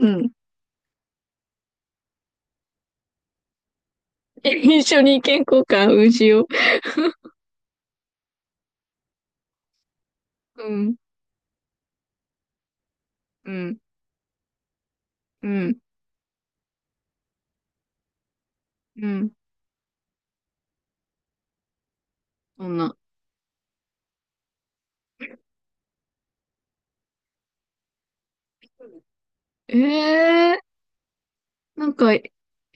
うん。一緒に意見交換うしよう。うん、うん、うん、うん。そんな。ええー、なんか、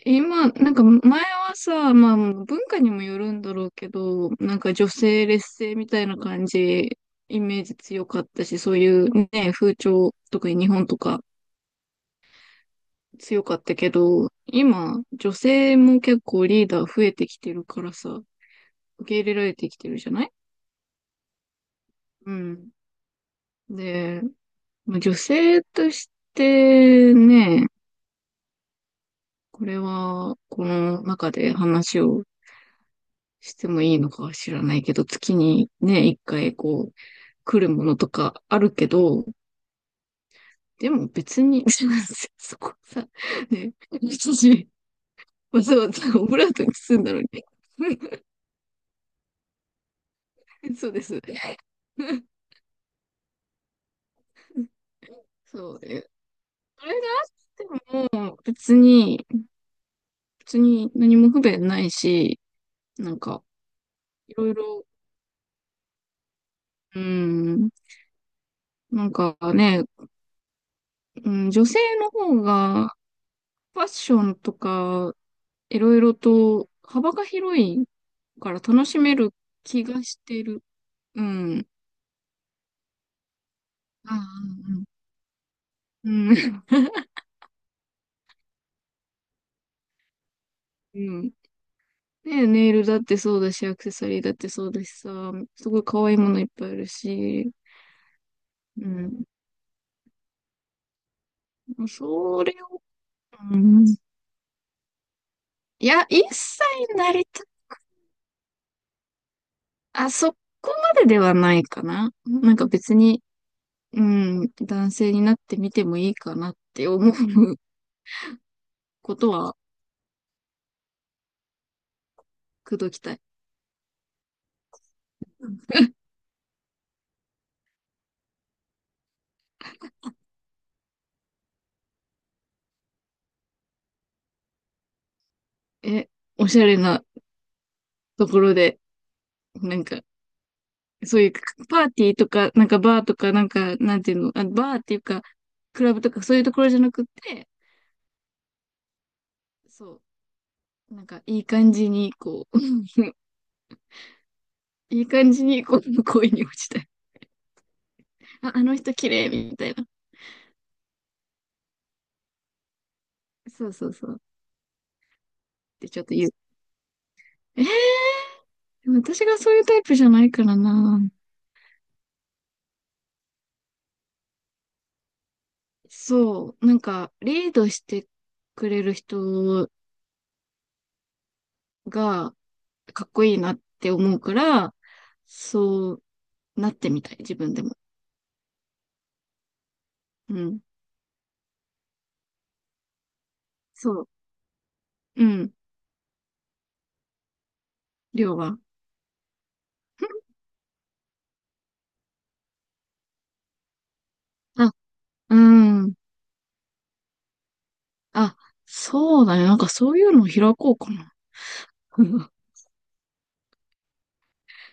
今、なんか前はさ、まあ文化にもよるんだろうけど、なんか女性劣勢みたいな感じ、イメージ強かったし、そういうね、風潮、特に日本とか強かったけど、今、女性も結構リーダー増えてきてるからさ、受け入れられてきてるじゃない？うん。で、まあ女性としてね、これは、この中で話をしてもいいのかは知らないけど、月にね、一回こう、来るものとかあるけど、でも別に、そこさ、ね、私、わざわざオブラートに包んだのに。そうです。そう。それがあっても、別に何も不便ないし、なんか、いろいろ、うん、なんかね、うん、女性の方がファッションとかいろいろと幅が広いから楽しめる気がしてる。うん。ああ、うん。うん。うん、ねネイルだってそうだし、アクセサリーだってそうだしさ、すごい可愛いものいっぱいあるし、うん。それを、うん、いや、一切なりた、あ、そこまでではないかな。なんか別に、うん、男性になってみてもいいかなって思うことはくどきたい。え、おしゃれなところで、なんか、そういうパーティーとか、なんかバーとか、なんか、なんていうの、あ、バーっていうか、クラブとかそういうところじゃなくて、そう、なんかいい感じに、こう、いい感じに、こう、恋に落ちたい。あ、あの人綺麗、みたいな。そうそうそう。ってちょっと言う。えー、でも私がそういうタイプじゃないからな。そう、なんか、リードしてくれる人がかっこいいなって思うから、そうなってみたい、自分でも。うん。そう。うん。りょうは。あ、うん。あ、そうだね。なんかそういうのを開こうかな。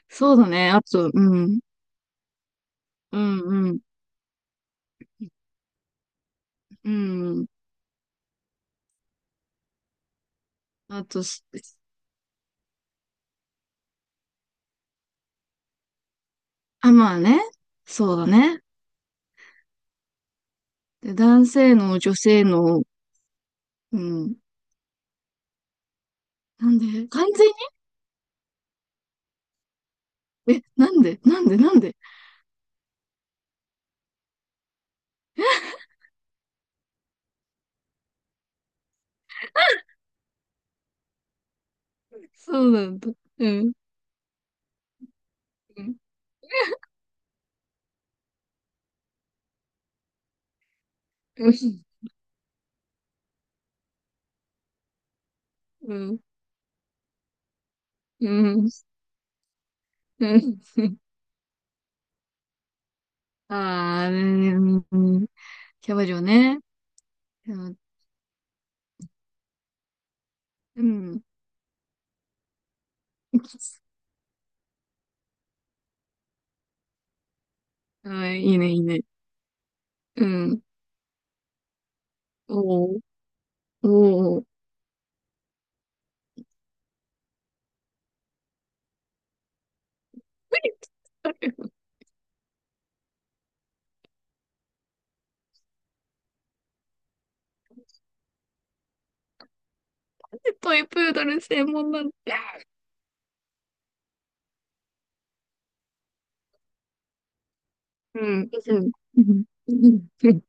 そうだね。あと、うん。うん、うん、うん。あとす、あ、まあね。そうだね。で、男性の女性の、うん。なんで完全にえ、なんでなんでなんで？ そうなんだ。うん。うん。うん。うん。うんうん。ああ、うん、んキャバ嬢ね。うん。うん。あ、いいね、いいね。うん。おお、おお。トイプードル専門なんだ。うん。うん。うん。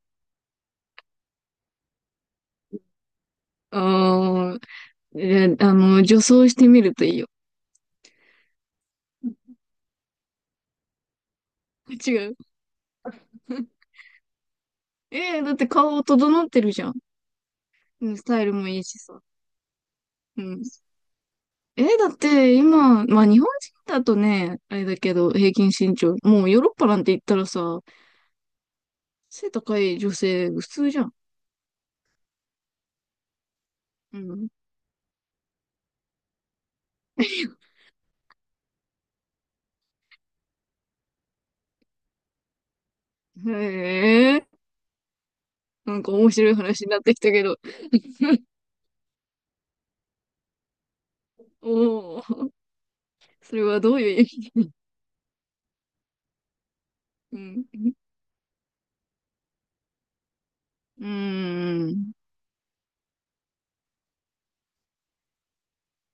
ああ、え、女装してみるといいよ。違う。えー、だって顔整ってるじゃん。うん、スタイルもいいしさ。うん。え、だって今、まあ日本人だとね、あれだけど、平均身長、もうヨーロッパなんて言ったらさ、背高い女性普通じゃん。うん。へえ、なんか面白い話になってきたけど、おお、それはどういう意味？うん。うーん。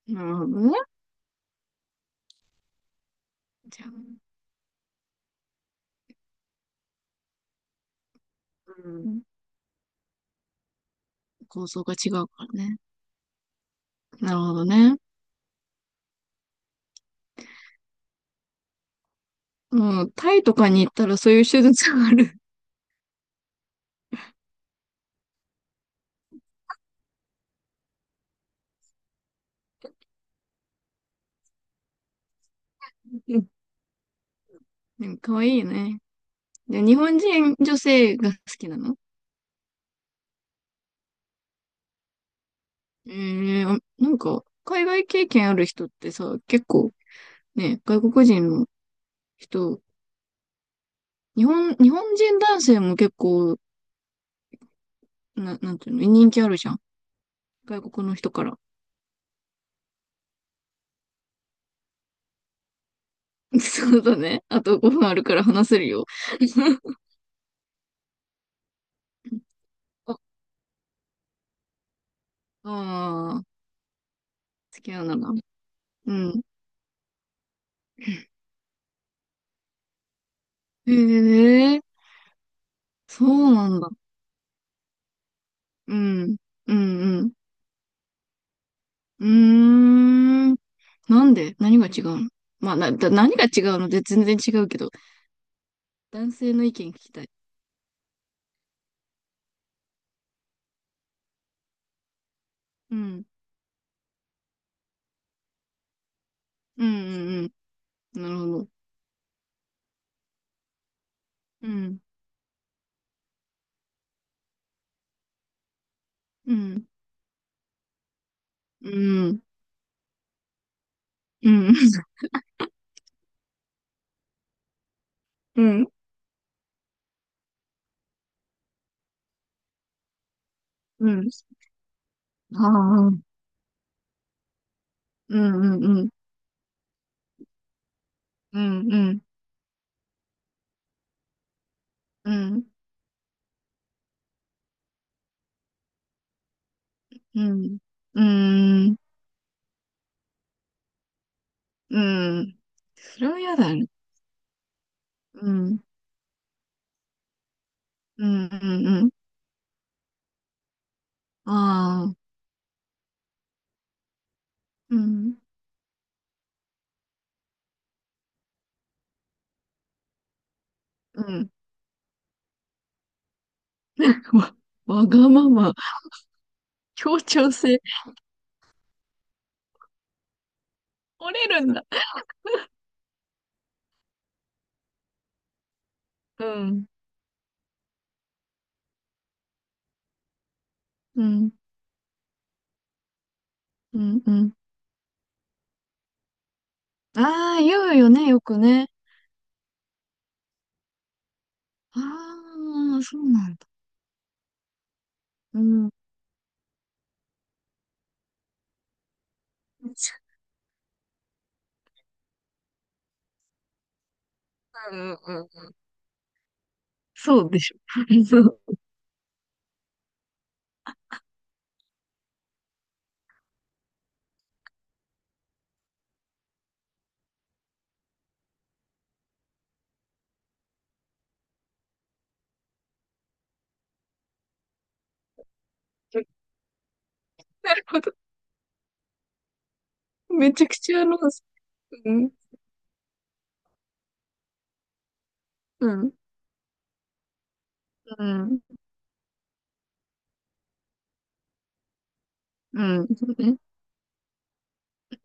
なるほどね。じゃあ、うん。構造が違うからね。なるほどね。もう、タイとかに行ったらそういう手術がある。うん。でも可愛いいよね。で、日本人女性が好きなの？ええ、あ、なんか、海外経験ある人ってさ、結構ね、外国人の人、日本人男性も結構、なんていうの、人気あるじゃん。外国の人から。そうだね。あと5分あるから話せるよ。ああー、付き合うなら。うん。へえ、そうなんだ。うん。うん、うん。うーん。なんで何が違うの？まあ、何が違うので全然違うけど、男性の意見聞きたい。うん。うんうんうん。なるほど。うん。うん。うん。うん。うん。うん。ああ。うんうんうん。うんうん。うん。うん。うん。うん。それは嫌だね。うん。うんうんうん。ああ。うん。うん。わ、わがまま。協調性。折れるんだ。うん。うん。うんうん。ああ、言うよね、よくね。ああ、そうなんだ。うん。うんそうでしょ。そう。なるほど。めちゃくちゃあの、うん、うん、うん、うん、そうね。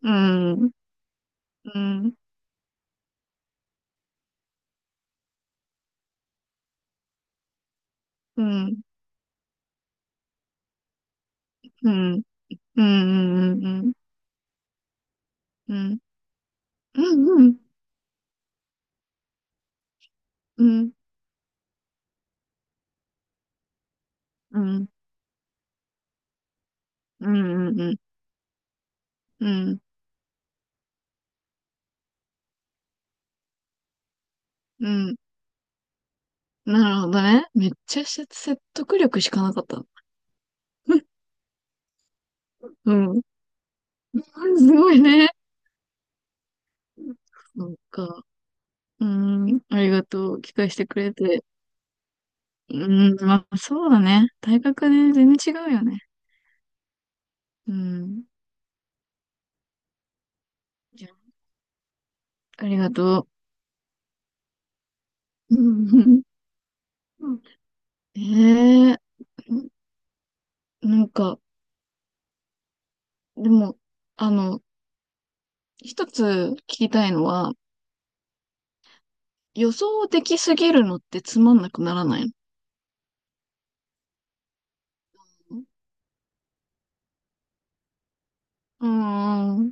うん、うん、うん、うん、うん、うん、うん、うん、うん、うん、うん、うん、うん、うん、うん、なるほどね。めっちゃ説得力しかなかった。うん。すごいね。そうか。うん。ありがとう。聞かせてくれて。うん。まあ、そうだね。大学で全然違うよね。うん。じゃあ、ありがとう。うん、うん、ええ、なんか、でも、あの、一つ聞きたいのは、予想できすぎるのってつまんなくならないの？うーん、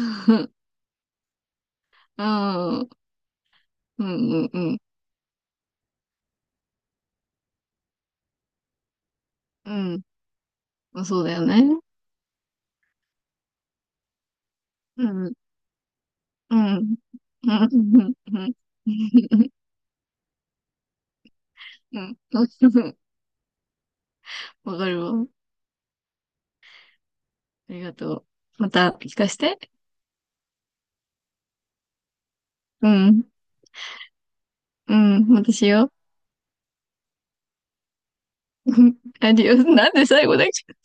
うーん、うん、うん、うん、うん、うん、そうだよね。うん、うん、うん、うん、うん、うん、うん。 わかるわ。ありがとう。また聞かして。うん、うん、またしよう。アディオス。なんで最後だっけ？